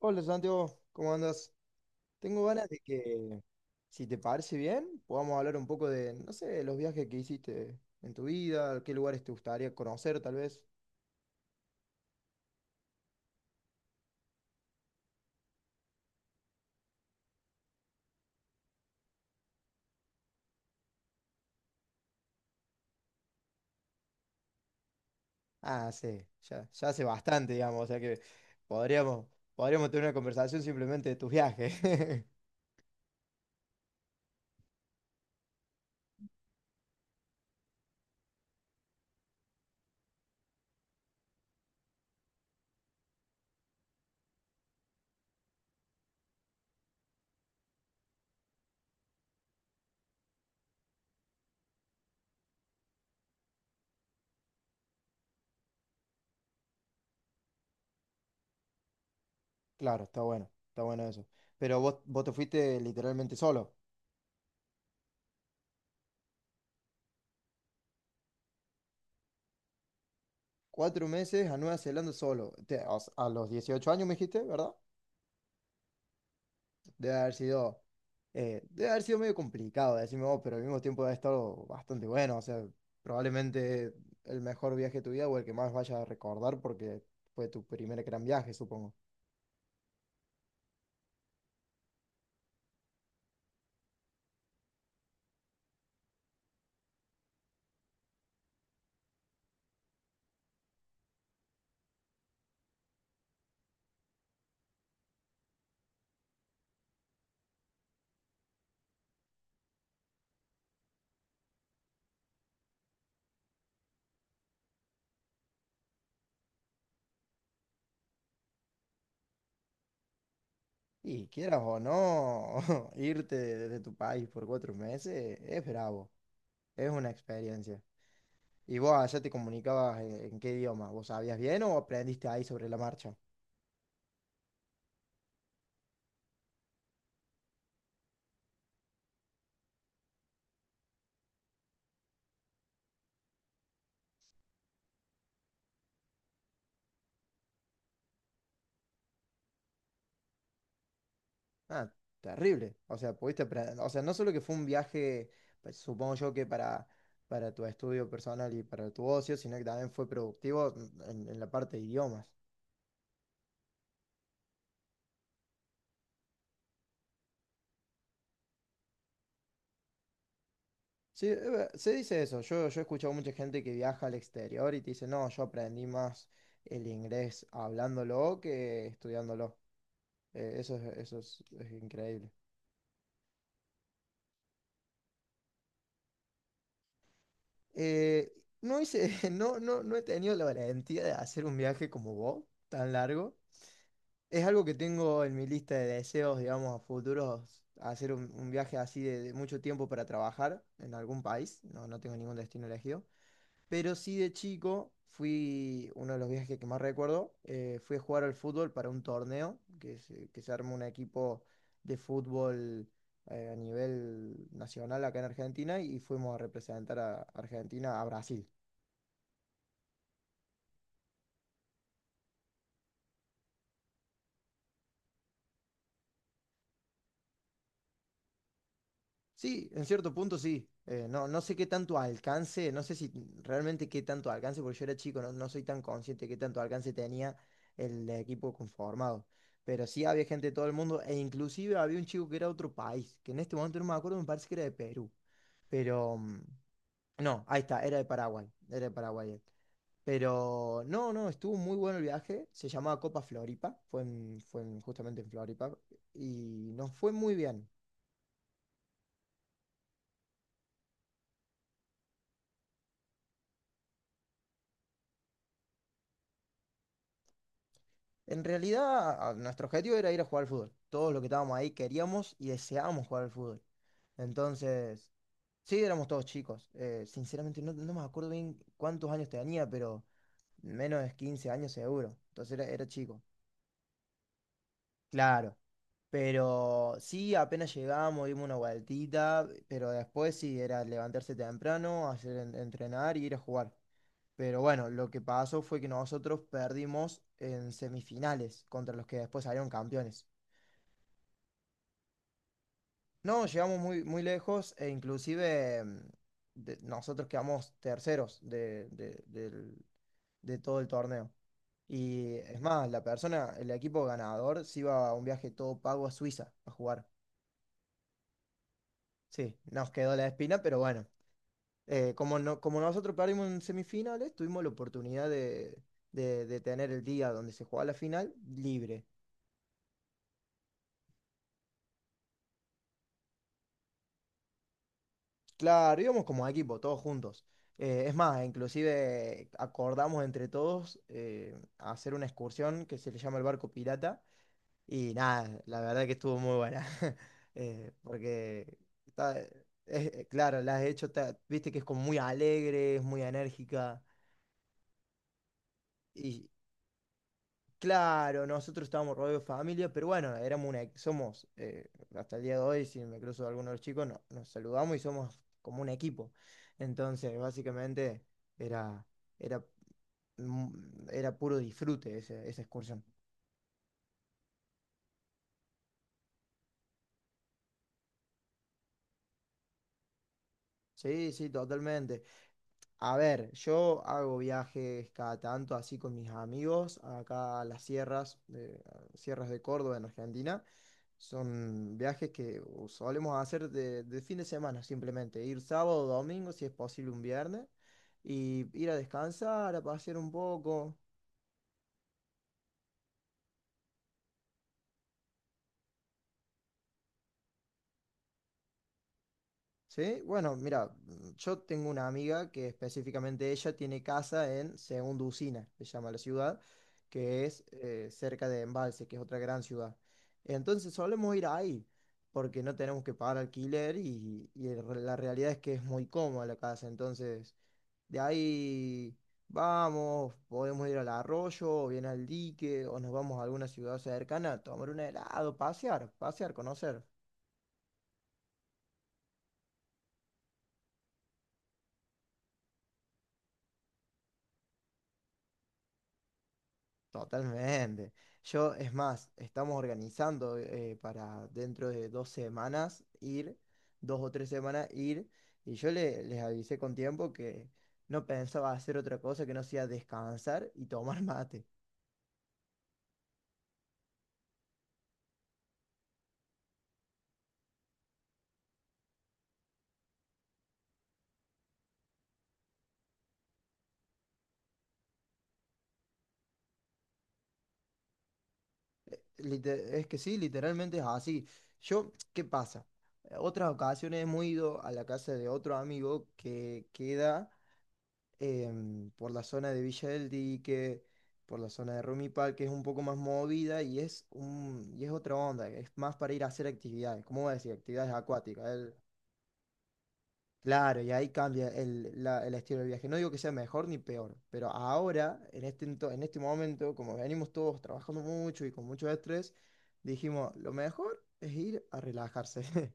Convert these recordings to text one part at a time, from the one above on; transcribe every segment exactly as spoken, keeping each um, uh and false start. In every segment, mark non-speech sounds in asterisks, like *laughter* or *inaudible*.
Hola Santiago, ¿cómo andas? Tengo ganas de que, si te parece bien, podamos hablar un poco de, no sé, de los viajes que hiciste en tu vida, qué lugares te gustaría conocer tal vez. Ah, sí, ya, ya hace bastante, digamos, o sea que podríamos, podríamos tener una conversación simplemente de tus viajes. *laughs* Claro, está bueno, está bueno eso. Pero vos, vos te fuiste literalmente solo. Cuatro meses a Nueva Zelanda solo. Te- o sea, a los dieciocho años me dijiste, ¿verdad? Debe haber sido, eh, debe haber sido medio complicado, decime vos, pero al mismo tiempo debe estar bastante bueno. O sea, probablemente el mejor viaje de tu vida o el que más vayas a recordar porque fue tu primer gran viaje, supongo. Y quieras o no, *laughs* irte desde tu país por cuatro meses es bravo, es una experiencia. ¿Y vos allá te comunicabas en, en qué idioma? ¿Vos sabías bien o aprendiste ahí sobre la marcha? Ah, terrible. O sea, pudiste, pre- o sea, no solo que fue un viaje, pues, supongo yo que para, para tu estudio personal y para tu ocio, sino que también fue productivo en, en la parte de idiomas. Sí, es ver- se dice eso. Yo, yo he escuchado mucha gente que viaja al exterior y te dice, no, yo aprendí más el inglés hablándolo que estudiándolo. Eh, eso es, eso es, es increíble. Eh, no hice, *laughs* no, no, no he tenido la valentía de hacer un viaje como vos, tan largo. Es algo que tengo en mi lista de deseos, digamos, a futuros, hacer un, un viaje así de, de mucho tiempo para trabajar en algún país. No, no tengo ningún destino elegido. Pero sí de chico fui, uno de los viajes que más recuerdo, eh, fui a jugar al fútbol para un torneo, que se, que se armó un equipo de fútbol eh, a nivel nacional acá en Argentina y fuimos a representar a Argentina a Brasil. Sí, en cierto punto sí. Eh, no, no sé qué tanto alcance, no sé si realmente qué tanto alcance, porque yo era chico, no, no soy tan consciente de qué tanto alcance tenía el equipo conformado. Pero sí había gente de todo el mundo, e inclusive había un chico que era de otro país, que en este momento no me acuerdo, me parece que era de Perú. Pero mm, no, ahí está, era de Paraguay, era de Paraguay él. Pero no, no, estuvo muy bueno el viaje. Se llamaba Copa Floripa, fue, en- fue en- justamente en Floripa y nos fue muy bien. En realidad, a- nuestro objetivo era ir a jugar al fútbol. Todos los que estábamos ahí queríamos y deseábamos jugar al fútbol. Entonces, sí, éramos todos chicos. Eh, sinceramente, no, no me acuerdo bien cuántos años tenía, pero menos de quince años seguro. Entonces era, era chico. Claro. Pero sí, apenas llegamos, dimos una vueltita, pero después sí, era levantarse temprano, hacer en- entrenar y ir a jugar. Pero bueno, lo que pasó fue que nosotros perdimos en semifinales contra los que después salieron campeones. No, llegamos muy, muy lejos e inclusive mm, de- nosotros quedamos terceros de, de- del- de todo el torneo. Y es más, la persona, el equipo ganador se iba a un viaje todo pago a Suiza a jugar. Sí, nos quedó la espina, pero bueno, eh, como, no, como nosotros perdimos en semifinales, tuvimos la oportunidad de, de- de tener el día donde se jugaba la final libre. Claro, íbamos como equipo, todos juntos. Eh, es más, inclusive acordamos entre todos eh, hacer una excursión que se le llama el barco pirata. Y nada, la verdad que estuvo muy buena. *laughs* Eh, porque, está- es- eh, claro, la has hecho, ta- viste que es como muy alegre, es muy enérgica. Claro, nosotros estábamos rodeados de familia, pero bueno, éramos una, somos, eh, hasta el día de hoy, si me cruzo a alguno de los chicos, no- nos saludamos y somos como un equipo. Entonces, básicamente era, era, mm, era puro disfrute ese- esa excursión. Sí, sí, totalmente. A ver, yo hago viajes cada tanto así con mis amigos acá a las sierras, de, sierras de Córdoba en Argentina. Son viajes que o solemos hacer de, de fin de semana simplemente. Ir sábado, o domingo, si es posible un viernes. Y ir a descansar, a pasear un poco. ¿Sí? Bueno, mira, mm, yo tengo una amiga que específicamente ella tiene casa en Segunda Usina, se llama la ciudad, que es eh, cerca de Embalse, que es otra gran ciudad. Entonces solemos ir ahí, porque no tenemos que pagar alquiler y, y el re- la realidad es que es muy cómoda la casa. Entonces de ahí vamos, podemos ir al arroyo, o bien al dique, o nos vamos a alguna ciudad cercana a tomar un helado, pasear, pasear, conocer. Totalmente. Yo, es más, estamos organizando eh, para dentro de dos semanas ir, dos o tres semanas ir, y yo le- les avisé con tiempo que no pensaba hacer otra cosa que no sea descansar y tomar *laughs* mate. Lite- Es que sí, literalmente es así. Yo, ¿qué pasa? Eh, Otras ocasiones hemos ido a la casa de otro amigo que queda em, por la zona de Villa del Dique, por la zona de Rumipal, que es un poco más movida y es un, y es otra onda, es más para ir a hacer actividades, ¿cómo voy a decir? Actividades acuáticas. Él claro, y ahí cambia el, la- el estilo del viaje. No digo que sea mejor ni peor, pero ahora, en este, ento- en este momento, como venimos todos trabajando mucho y con mucho estrés, dijimos, lo mejor es ir a relajarse. *laughs*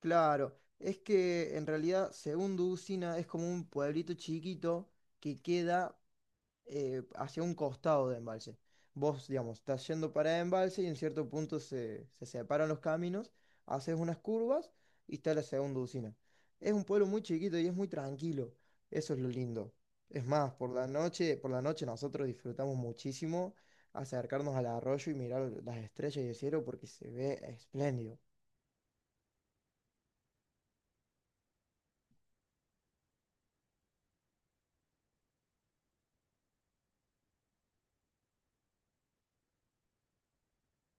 Claro, es que en realidad, según Ducina, es como un pueblito chiquito que queda eh, hacia un costado de embalse. Vos, digamos, estás yendo para embalse y en cierto punto se, se separan los caminos, haces unas curvas y está la segunda usina. Es un pueblo muy chiquito y es muy tranquilo. Eso es lo lindo. Es más, por la noche, por la noche nosotros disfrutamos muchísimo acercarnos al arroyo y mirar las estrellas y el cielo porque se ve espléndido.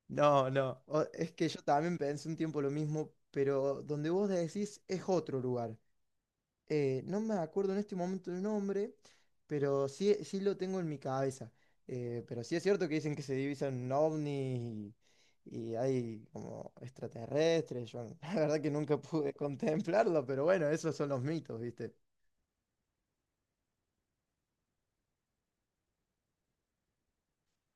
No, no, o- es que yo también pensé un tiempo lo mismo, pero donde vos decís es otro lugar. Eh, no me acuerdo en este momento el nombre, pero sí, sí lo tengo en mi cabeza. Eh, pero sí es cierto que dicen que se divisan ovnis y, y hay como extraterrestres. Yo *laughs* la verdad que nunca pude contemplarlo, pero bueno, esos son los mitos, ¿viste?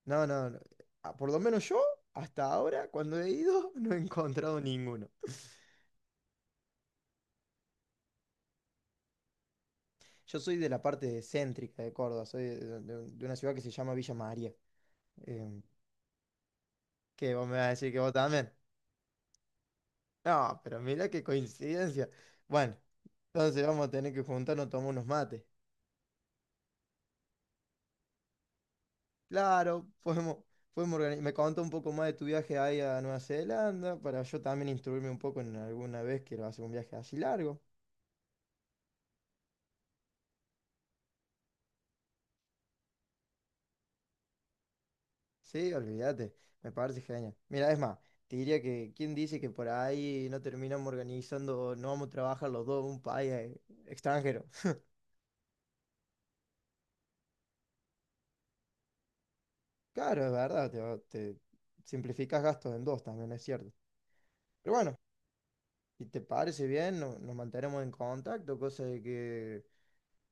No, no, no. Ah, por lo menos yo, hasta ahora, cuando he ido, *laughs* no he encontrado ninguno. Yo soy de la parte céntrica de Córdoba, soy de, de- de una ciudad que se llama Villa María. Em, ¿qué vos me vas a decir que vos también? No, pero mira qué coincidencia. Bueno, entonces vamos a tener que juntarnos a tomar unos mates. Claro, podemos, podemos organizar. Me contó un poco más de tu viaje ahí a Nueva Zelanda para yo también instruirme un poco en alguna vez que hacer un viaje así largo. Sí, olvídate, me parece genial. Mira, es más, te diría que ¿quién dice que por ahí no terminamos organizando, no vamos a trabajar los dos en un país eh, extranjero? *laughs* Claro, es verdad, te, va- te simplificas gastos en dos también, es cierto. Pero bueno, ¿y te parece bien? No- nos mantenemos en contacto, cosa de que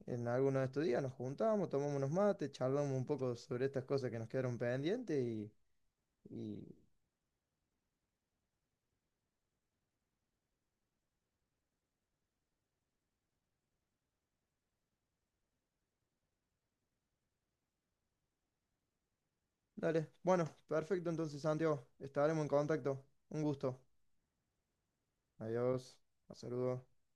en alguno de estos días nos juntamos, tomamos unos mates, charlamos un poco sobre estas cosas que nos quedaron pendientes y, y... Dale. Bueno, perfecto entonces, Santiago. Estaremos en contacto. Un gusto. Adiós. Un saludo.